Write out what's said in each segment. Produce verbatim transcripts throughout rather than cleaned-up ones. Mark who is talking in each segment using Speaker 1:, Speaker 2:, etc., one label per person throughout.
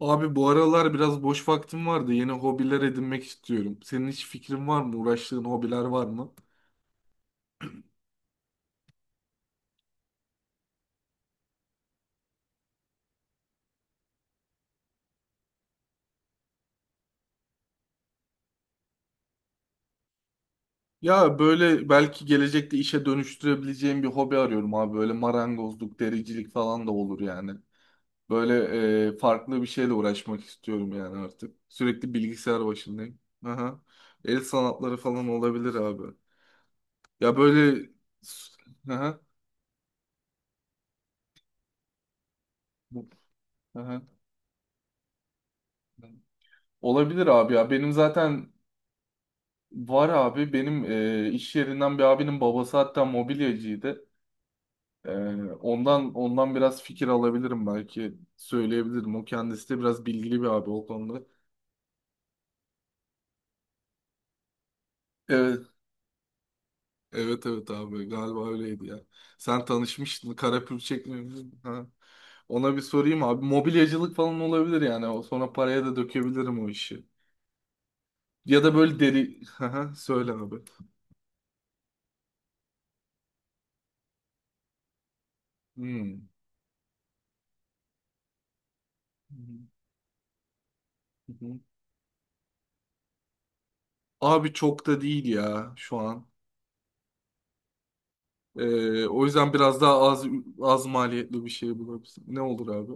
Speaker 1: Abi bu aralar biraz boş vaktim vardı. Yeni hobiler edinmek istiyorum. Senin hiç fikrin var mı? Uğraştığın hobiler var mı? Ya böyle belki gelecekte işe dönüştürebileceğim bir hobi arıyorum abi. Böyle marangozluk, dericilik falan da olur yani. Böyle e, farklı bir şeyle uğraşmak istiyorum yani artık. Sürekli bilgisayar başındayım. Aha. El sanatları falan olabilir abi. Ya böyle... Aha. Aha. Olabilir abi ya. Benim zaten var abi benim e, iş yerinden bir abinin babası hatta mobilyacıydı. E, ondan ondan biraz fikir alabilirim belki söyleyebilirim. O kendisi de biraz bilgili bir abi o konuda. Evet. Evet evet abi galiba öyleydi ya. Sen tanışmıştın Karapür çekmemiştin. Ha. Ona bir sorayım abi. Mobilyacılık falan olabilir yani. O sonra paraya da dökebilirim o işi. Ya da böyle deri... Haha, söyle abi. Hmm. Hı hı. Abi çok da değil ya şu an. Ee, o yüzden biraz daha az az maliyetli bir şey bulabilirsin. Ne olur abi?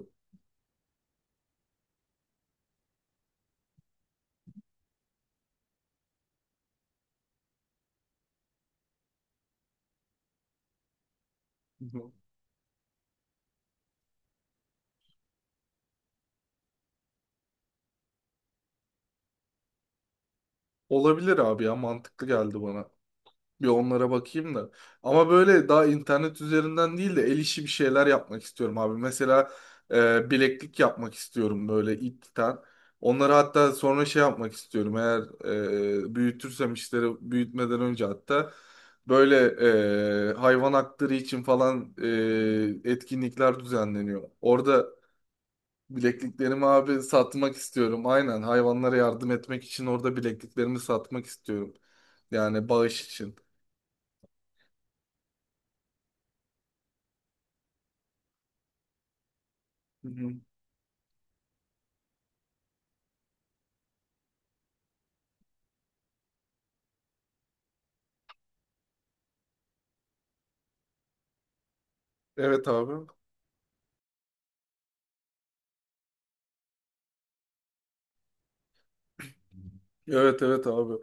Speaker 1: Hı. Olabilir abi ya, mantıklı geldi bana. Bir onlara bakayım da. Ama böyle daha internet üzerinden değil de el işi bir şeyler yapmak istiyorum abi. Mesela e, bileklik yapmak istiyorum böyle ipten. Onları hatta sonra şey yapmak istiyorum. Eğer e, büyütürsem işleri büyütmeden önce hatta böyle e, hayvan hakları için falan e, etkinlikler düzenleniyor. Orada bilekliklerimi abi satmak istiyorum. Aynen hayvanlara yardım etmek için orada bilekliklerimi satmak istiyorum. Yani bağış için. Hı hı. Evet abi. Evet evet abi.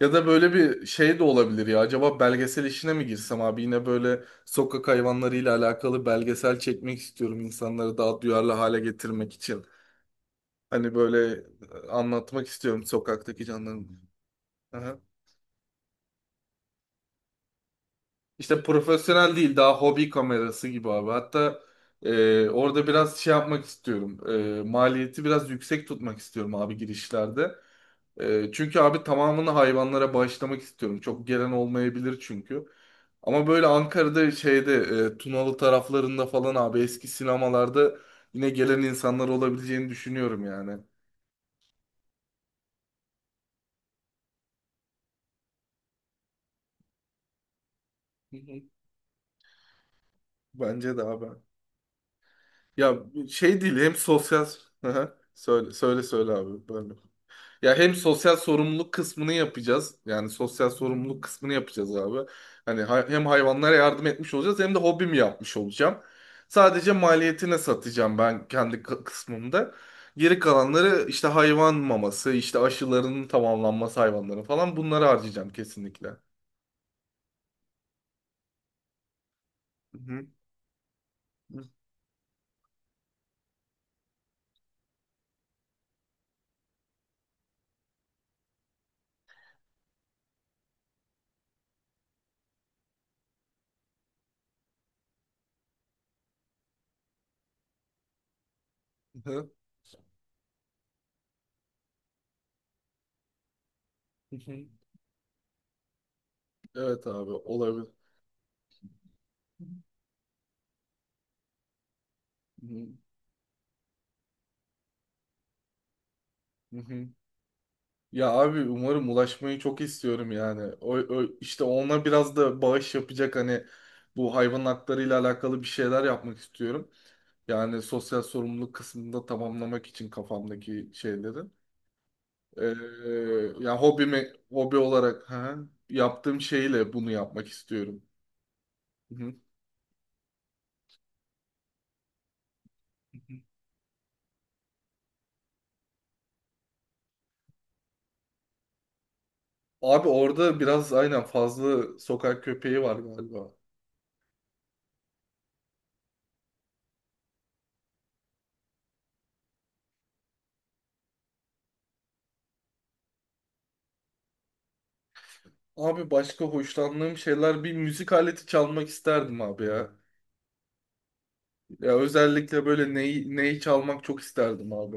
Speaker 1: Ya da böyle bir şey de olabilir ya. Acaba belgesel işine mi girsem abi? Yine böyle sokak hayvanlarıyla alakalı belgesel çekmek istiyorum, insanları daha duyarlı hale getirmek için. Hani böyle e, anlatmak istiyorum sokaktaki canlarımı. İşte profesyonel değil, daha hobi kamerası gibi abi. Hatta e, orada biraz şey yapmak istiyorum. E, maliyeti biraz yüksek tutmak istiyorum abi girişlerde. E, çünkü abi tamamını hayvanlara bağışlamak istiyorum. Çok gelen olmayabilir çünkü. Ama böyle Ankara'da şeyde e, Tunalı taraflarında falan abi eski sinemalarda yine gelen insanlar olabileceğini düşünüyorum yani. Hı hı. Bence de abi. Ya şey değil hem sosyal... Hı hı. Söyle söyle söyle abi. Böyle. Ya hem sosyal sorumluluk kısmını yapacağız. Yani sosyal sorumluluk kısmını yapacağız abi. Hani hay- hem hayvanlara yardım etmiş olacağız hem de hobimi yapmış olacağım. Sadece maliyetine satacağım ben kendi kı- kısmımda. Geri kalanları işte hayvan maması, işte aşılarının tamamlanması hayvanların falan, bunları harcayacağım kesinlikle. Hı hı. Hı hı. Hı hı. Evet abi, olabilir. Hı hı. Hı hı. Ya abi umarım, ulaşmayı çok istiyorum yani. O, o- işte ona biraz da bağış yapacak hani bu hayvan haklarıyla alakalı bir şeyler yapmak istiyorum. Yani sosyal sorumluluk kısmında tamamlamak için kafamdaki şeyleri. Ee, Ya hobimi hobi olarak ha, yaptığım şeyle bunu yapmak istiyorum. Hı hı. Abi orada biraz aynen fazla sokak köpeği var galiba. Abi başka hoşlandığım şeyler, bir müzik aleti çalmak isterdim abi ya. Ya özellikle böyle neyi, neyi çalmak çok isterdim abi.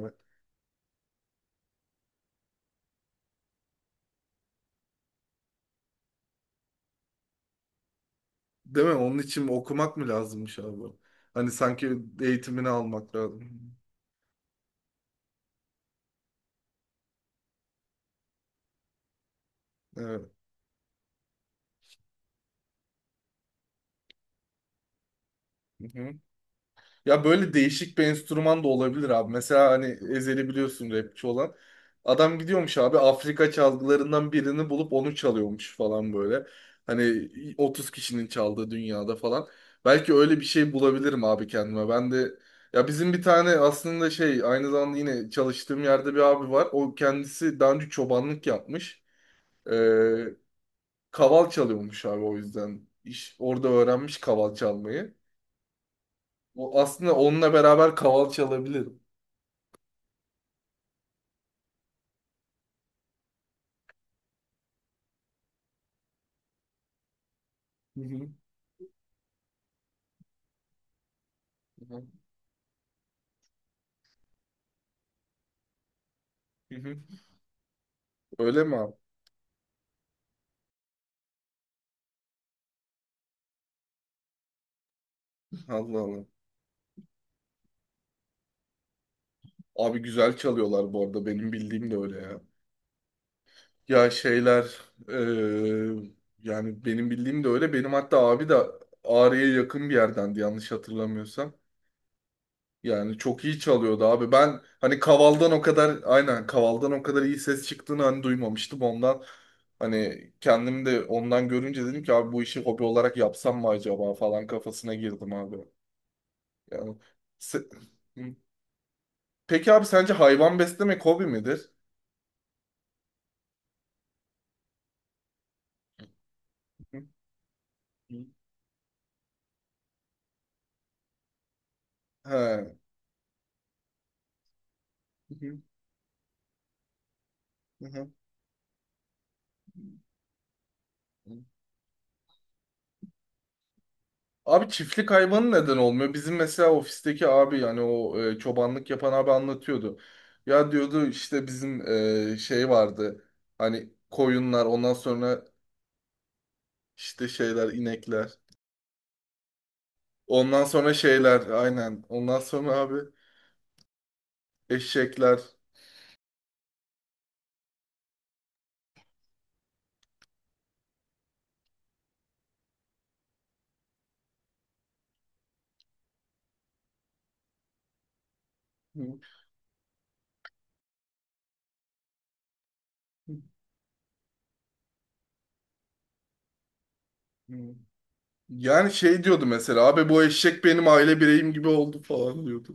Speaker 1: Değil mi? Onun için okumak mı lazımmış abi? Hani sanki eğitimini almak lazım. Evet. Ya böyle değişik bir enstrüman da olabilir abi. Mesela hani Ezhel'i biliyorsun, rapçi olan. Adam gidiyormuş abi Afrika çalgılarından birini bulup onu çalıyormuş falan böyle. Hani otuz kişinin çaldığı dünyada falan. Belki öyle bir şey bulabilirim abi kendime. Ben de ya bizim bir tane aslında şey, aynı zamanda yine çalıştığım yerde bir abi var. O kendisi daha önce çobanlık yapmış. Ee, Kaval çalıyormuş abi o yüzden. İş, orada öğrenmiş kaval çalmayı. O aslında, onunla beraber kaval çalabilirim. Hı hı, hı hı, hı hı. Öyle mi abi? Allah Allah. Abi güzel çalıyorlar bu arada. Benim bildiğim de öyle ya. Ya şeyler eee, yani benim bildiğim de öyle. Benim hatta abi de Ağrı'ya yakın bir yerdendi yanlış hatırlamıyorsam. Yani çok iyi çalıyordu abi. Ben hani Kaval'dan o kadar, aynen Kaval'dan o kadar iyi ses çıktığını hani duymamıştım ondan. Hani kendim de ondan görünce dedim ki abi bu işi hobi olarak yapsam mı acaba falan, kafasına girdim abi. Yani se- peki abi, sence hayvan beslemek hobi midir? He. Abi çiftlik hayvanı neden olmuyor? Bizim mesela ofisteki abi yani o e, çobanlık yapan abi anlatıyordu. Ya diyordu işte bizim e, şey vardı. Hani koyunlar, ondan sonra işte şeyler inekler. Ondan sonra şeyler aynen. Ondan sonra abi eşekler. Yani şey diyordu mesela abi, bu eşek benim aile bireyim gibi oldu falan diyordu.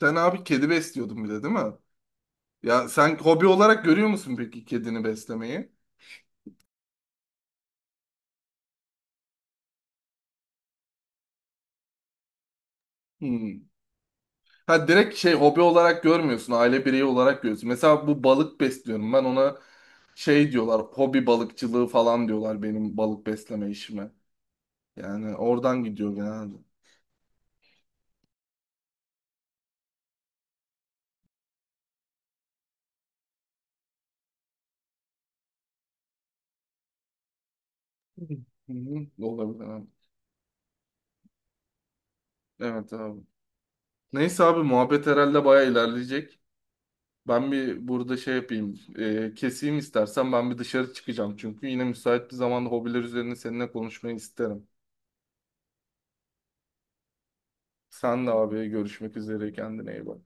Speaker 1: Sen abi kedi besliyordun bir de, değil mi? Ya sen hobi olarak görüyor musun peki kedini beslemeyi? Hmm. Ha, direkt şey, hobi olarak görmüyorsun, aile bireyi olarak görüyorsun. Mesela bu balık besliyorum ben, ona şey diyorlar, hobi balıkçılığı falan diyorlar benim balık besleme işime. Yani oradan gidiyor genelde. Hı hı. Olabilir abi. Evet abi. Neyse abi, muhabbet herhalde baya ilerleyecek. Ben bir burada şey yapayım. E, keseyim istersen, ben bir dışarı çıkacağım. Çünkü yine müsait bir zamanda hobiler üzerine seninle konuşmayı isterim. Sen de abi, görüşmek üzere, kendine iyi bak.